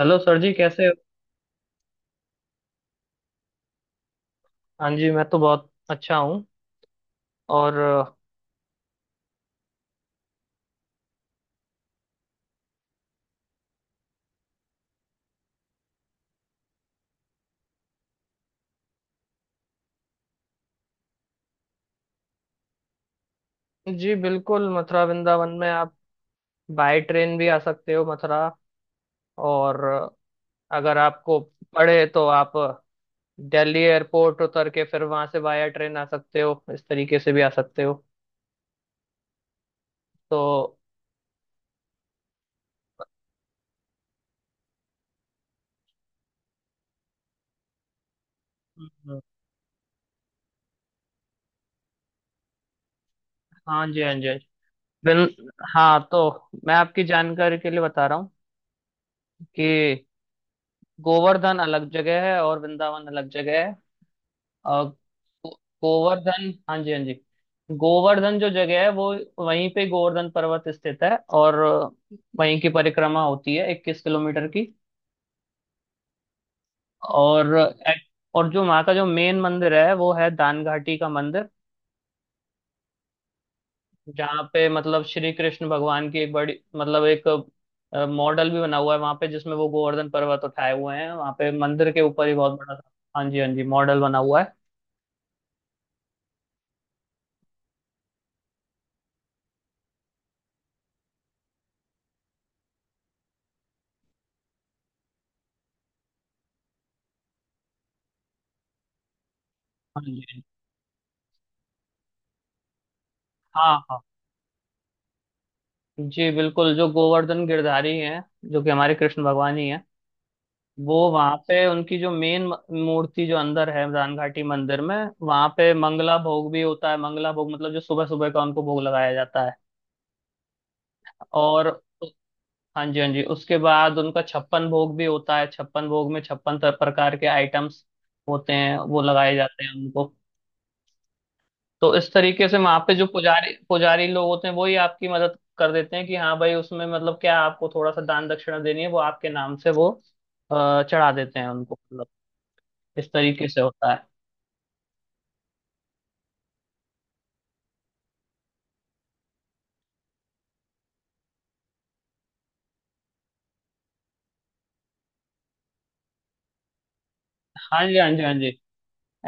Hello sir ji, कैसे हो? हाँ जी, मैं तो बहुत अच्छा हूँ। और जी बिल्कुल, मथुरा वृंदावन में आप बाय ट्रेन भी आ सकते हो मथुरा। और अगर आपको पड़े तो आप दिल्ली एयरपोर्ट उतर के फिर वहां से बाय ट्रेन आ सकते हो, इस तरीके से भी आ सकते हो। तो हम्म, हाँ जी, हाँ जी, हाँ जी। बिल हाँ तो मैं आपकी जानकारी के लिए बता रहा हूँ कि गोवर्धन अलग जगह है और वृंदावन अलग जगह है। अ, गो- गोवर्धन, हाँ जी, हाँ जी। गोवर्धन जो जगह है वो, वहीं पे गोवर्धन पर्वत स्थित है। और वहीं की परिक्रमा होती है, 21 किलोमीटर की। और एक- और जो वहाँ का जो मेन मंदिर है, वो है दान घाटी का मंदिर। जहाँ पे मतलब श्री कृष्ण भगवान की एक बड़ी, मतलब एक मॉडल भी बना हुआ है वहाँ पे, जिसमें वो गोवर्धन पर्वत उठाए हुए हैं, वहाँ पे मंदिर के ऊपर ही बहुत बड़ा सा। हाँ जी, हाँ जी, मॉडल बना हुआ है। हाँ जी, हाँ जी। हाँ, हाँ। जी बिल्कुल, जो गोवर्धन गिरधारी हैं, जो कि हमारे कृष्ण भगवान ही हैं। वो वहां पे उनकी जो मेन मूर्ति जो अंदर है रान घाटी मंदिर में, वहां पे मंगला भोग भी होता है। मंगला भोग मतलब जो सुबह सुबह का उनको भोग लगाया जाता है। और हाँ जी, हाँ जी, उसके बाद उनका छप्पन भोग भी होता है। छप्पन भोग में छप्पन प्रकार के आइटम्स होते हैं, वो लगाए जाते हैं उनको। तो इस तरीके से वहां पे जो पुजारी पुजारी लोग होते हैं, वही आपकी मदद कर देते हैं कि हाँ भाई, उसमें मतलब क्या आपको थोड़ा सा दान दक्षिणा देनी है, वो आपके नाम से वो चढ़ा देते हैं उनको, मतलब इस तरीके से होता है। हाँ जी, हाँ जी, हाँ जी।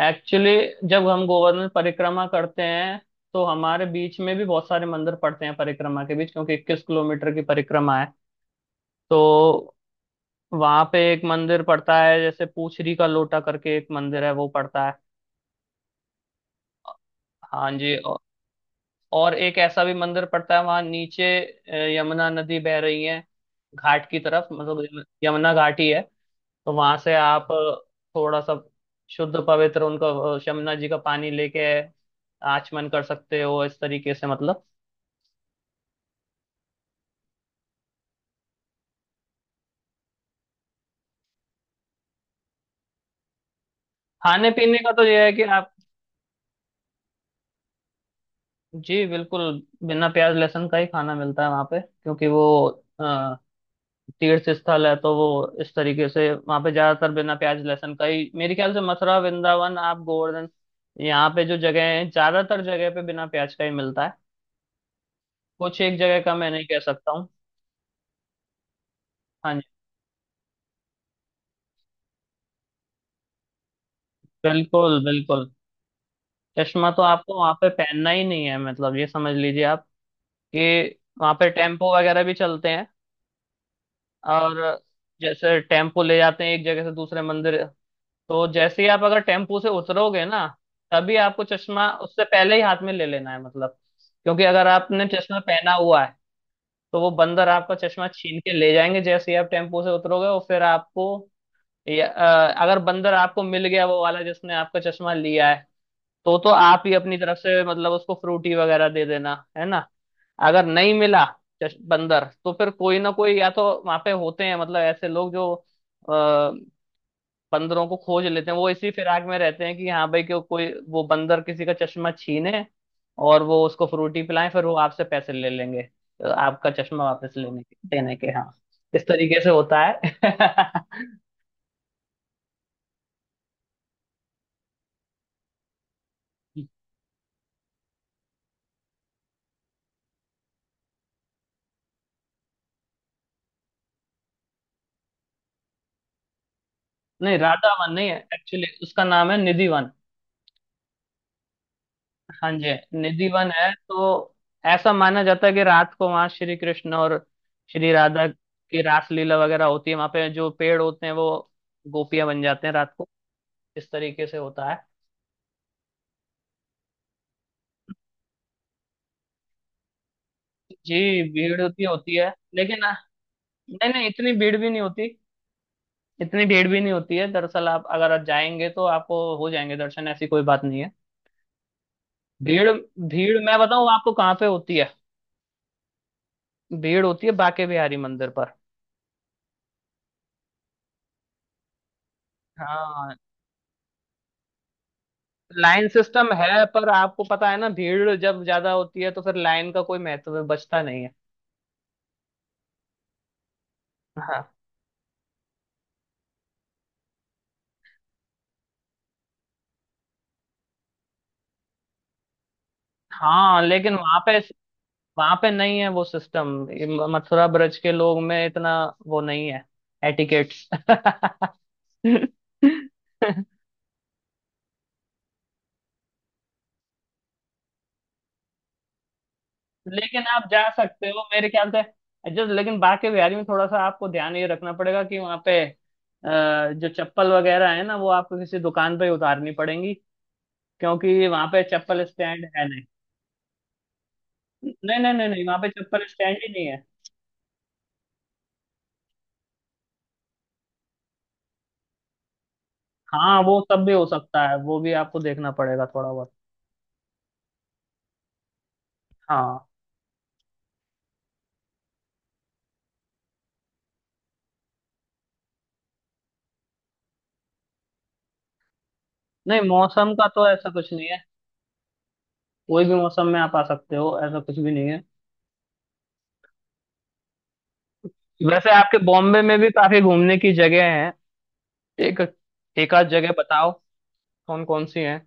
एक्चुअली जब हम गोवर्धन परिक्रमा करते हैं तो हमारे बीच में भी बहुत सारे मंदिर पड़ते हैं परिक्रमा के बीच, क्योंकि 21 किलोमीटर की परिक्रमा है। तो वहां पे एक मंदिर पड़ता है, जैसे पूछरी का लोटा करके एक मंदिर है, वो पड़ता है। हाँ जी। और एक ऐसा भी मंदिर पड़ता है, वहां नीचे यमुना नदी बह रही है घाट की तरफ, मतलब यमुना घाट ही है। तो वहां से आप थोड़ा सा शुद्ध पवित्र उनका यमुना जी का पानी लेके आचमन कर सकते हो, इस तरीके से मतलब। खाने पीने का तो यह है कि आप, जी बिल्कुल, बिना प्याज लहसुन का ही खाना मिलता है वहां पे, क्योंकि वो तीर्थ स्थल है, तो वो इस तरीके से वहां पे ज्यादातर बिना प्याज लहसुन का ही, मेरे ख्याल से मथुरा वृंदावन, आप गोवर्धन, यहाँ पे जो जगह है, ज्यादातर जगह पे बिना प्याज का ही मिलता है। कुछ एक जगह का मैं नहीं कह सकता हूँ। हाँ जी, बिल्कुल बिल्कुल। चश्मा तो आपको वहां पे पहनना ही नहीं है, मतलब ये समझ लीजिए आप कि वहां पे टेम्पो वगैरह भी चलते हैं। और जैसे टेम्पो ले जाते हैं एक जगह से दूसरे मंदिर, तो जैसे ही आप अगर टेम्पू से उतरोगे ना, तभी आपको चश्मा उससे पहले ही हाथ में ले लेना है, मतलब क्योंकि अगर आपने चश्मा पहना हुआ है तो वो बंदर आपका चश्मा छीन के ले जाएंगे जैसे ही आप टेम्पू से उतरोगे। और फिर आपको या, अगर बंदर आपको मिल गया वो वाला जिसने आपका चश्मा लिया है, तो आप ही अपनी तरफ से मतलब उसको फ्रूटी वगैरह दे देना है ना। अगर नहीं मिला बंदर, तो फिर कोई ना कोई या तो वहां पे होते हैं, मतलब ऐसे लोग जो अ, बंदरों को खोज लेते हैं, वो इसी फिराक में रहते हैं कि हाँ भाई, क्यों कोई वो बंदर किसी का चश्मा छीने और वो उसको फ्रूटी पिलाएं, फिर वो आपसे पैसे ले लेंगे तो आपका चश्मा वापस लेने के, देने के, हाँ इस तरीके से होता है। नहीं, राधा वन नहीं है, एक्चुअली उसका नाम है निधि वन। हाँ जी। निधि वन है, तो ऐसा माना जाता है कि रात को वहाँ श्री कृष्ण और श्री राधा की रास लीला वगैरह होती है, वहाँ पे जो पेड़ होते हैं वो गोपियां बन जाते हैं रात को। इस तरीके से होता है। जी, भीड़ होती होती है। लेकिन नहीं नहीं, इतनी भीड़ भी नहीं होती। इतनी भीड़ भी नहीं होती है दरअसल, आप अगर आप जाएंगे तो आपको हो जाएंगे दर्शन, ऐसी कोई बात नहीं है। भीड़ भीड़ मैं बताऊं आपको कहाँ पे होती है। भीड़ होती है बाके बिहारी मंदिर पर। हाँ, लाइन सिस्टम है पर आपको पता है ना, भीड़ जब ज्यादा होती है तो फिर लाइन का कोई महत्व बचता नहीं है। हाँ हाँ, लेकिन वहां पे नहीं है वो सिस्टम। मथुरा ब्रज के लोग में इतना वो नहीं है, एटिकेट। लेकिन आप जा सकते हो मेरे ख्याल से जस्ट। लेकिन बाके बिहारी में थोड़ा सा आपको ध्यान ये रखना पड़ेगा कि वहाँ पे जो चप्पल वगैरह है ना, वो आपको किसी दुकान पे ही उतारनी पड़ेंगी, क्योंकि वहाँ पे चप्पल स्टैंड है नहीं। नहीं नहीं नहीं नहीं, वहाँ पे चप्पल स्टैंड ही नहीं है। हाँ, वो सब भी हो सकता है, वो भी आपको देखना पड़ेगा थोड़ा बहुत। हाँ, नहीं मौसम का तो ऐसा कुछ नहीं है, कोई भी मौसम में आप आ सकते हो, ऐसा कुछ भी नहीं है। वैसे आपके बॉम्बे में भी काफी घूमने की जगह है। एक, एक आध जगह बताओ, कौन कौन सी हैं?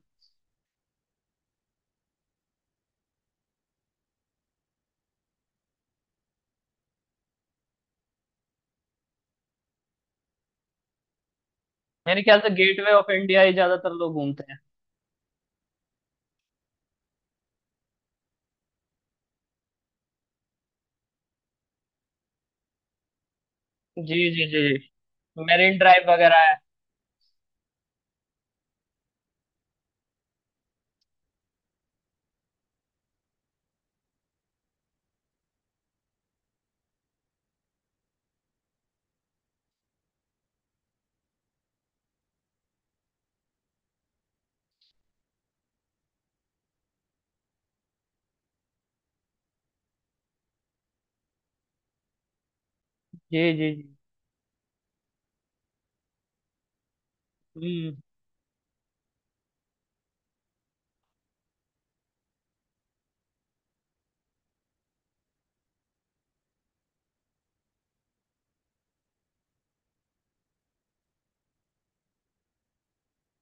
मेरे ख्याल से गेटवे ऑफ इंडिया ही ज्यादातर लोग घूमते हैं। जी जी जी जी, मेरीन ड्राइव वगैरह है। जी जी जी, हम्म,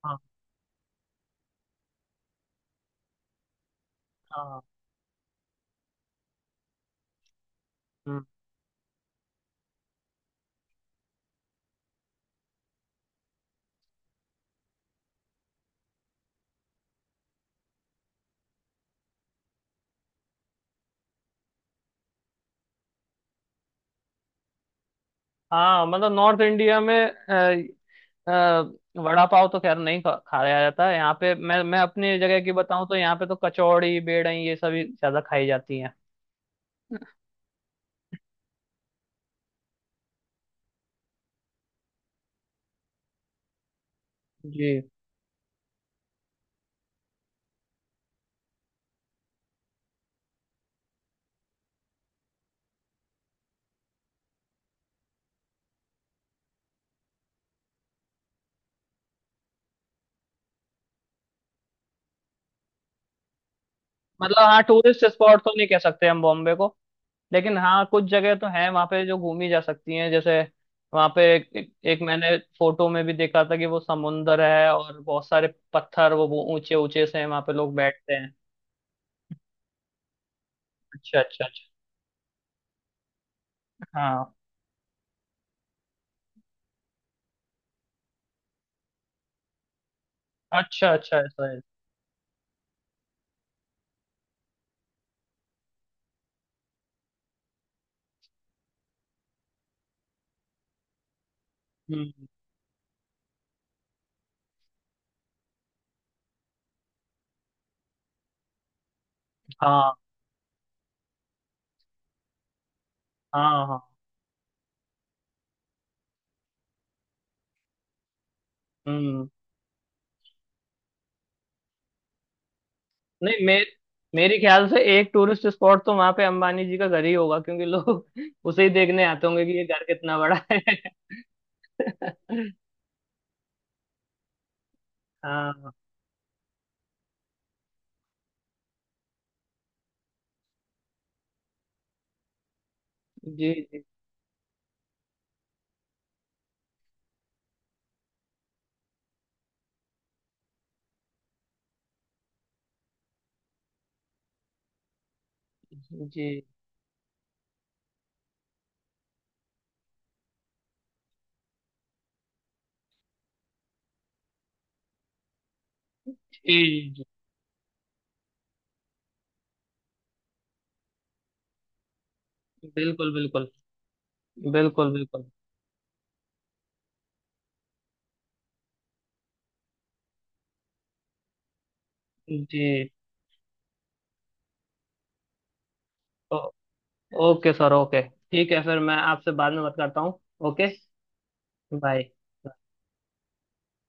हाँ हाँ, हम्म। हाँ, मतलब नॉर्थ इंडिया में, वड़ा पाव तो खैर नहीं खाया जाता है यहाँ पे, मैं अपनी जगह की बताऊँ तो यहाँ पे तो कचौड़ी बेड़ई ये सभी ज्यादा खाई जाती हैं। जी, मतलब हाँ टूरिस्ट स्पॉट तो नहीं कह सकते हम बॉम्बे को, लेकिन हाँ कुछ जगह तो हैं वहाँ पे जो घूमी जा सकती हैं। जैसे वहाँ पे एक, मैंने फोटो में भी देखा था कि वो समुंदर है और बहुत सारे पत्थर, वो ऊंचे ऊंचे से हैं, वहाँ पे लोग बैठते हैं। अच्छा अच्छा अच्छा, हाँ, अच्छा अच्छा, ऐसा है। हम्म, हाँ हाँ हाँ, हम्म। नहीं मे मेरे ख्याल से एक टूरिस्ट स्पॉट तो वहाँ पे अंबानी जी का घर ही होगा, क्योंकि लोग उसे ही देखने आते होंगे कि ये घर कितना बड़ा है। हाँ, जी जी जी जी जी जी, बिल्कुल बिल्कुल, बिल्कुल बिल्कुल। जी, ओ, ओके सर, ओके ठीक है, फिर मैं आपसे बाद में बात करता हूँ। Okay, bye.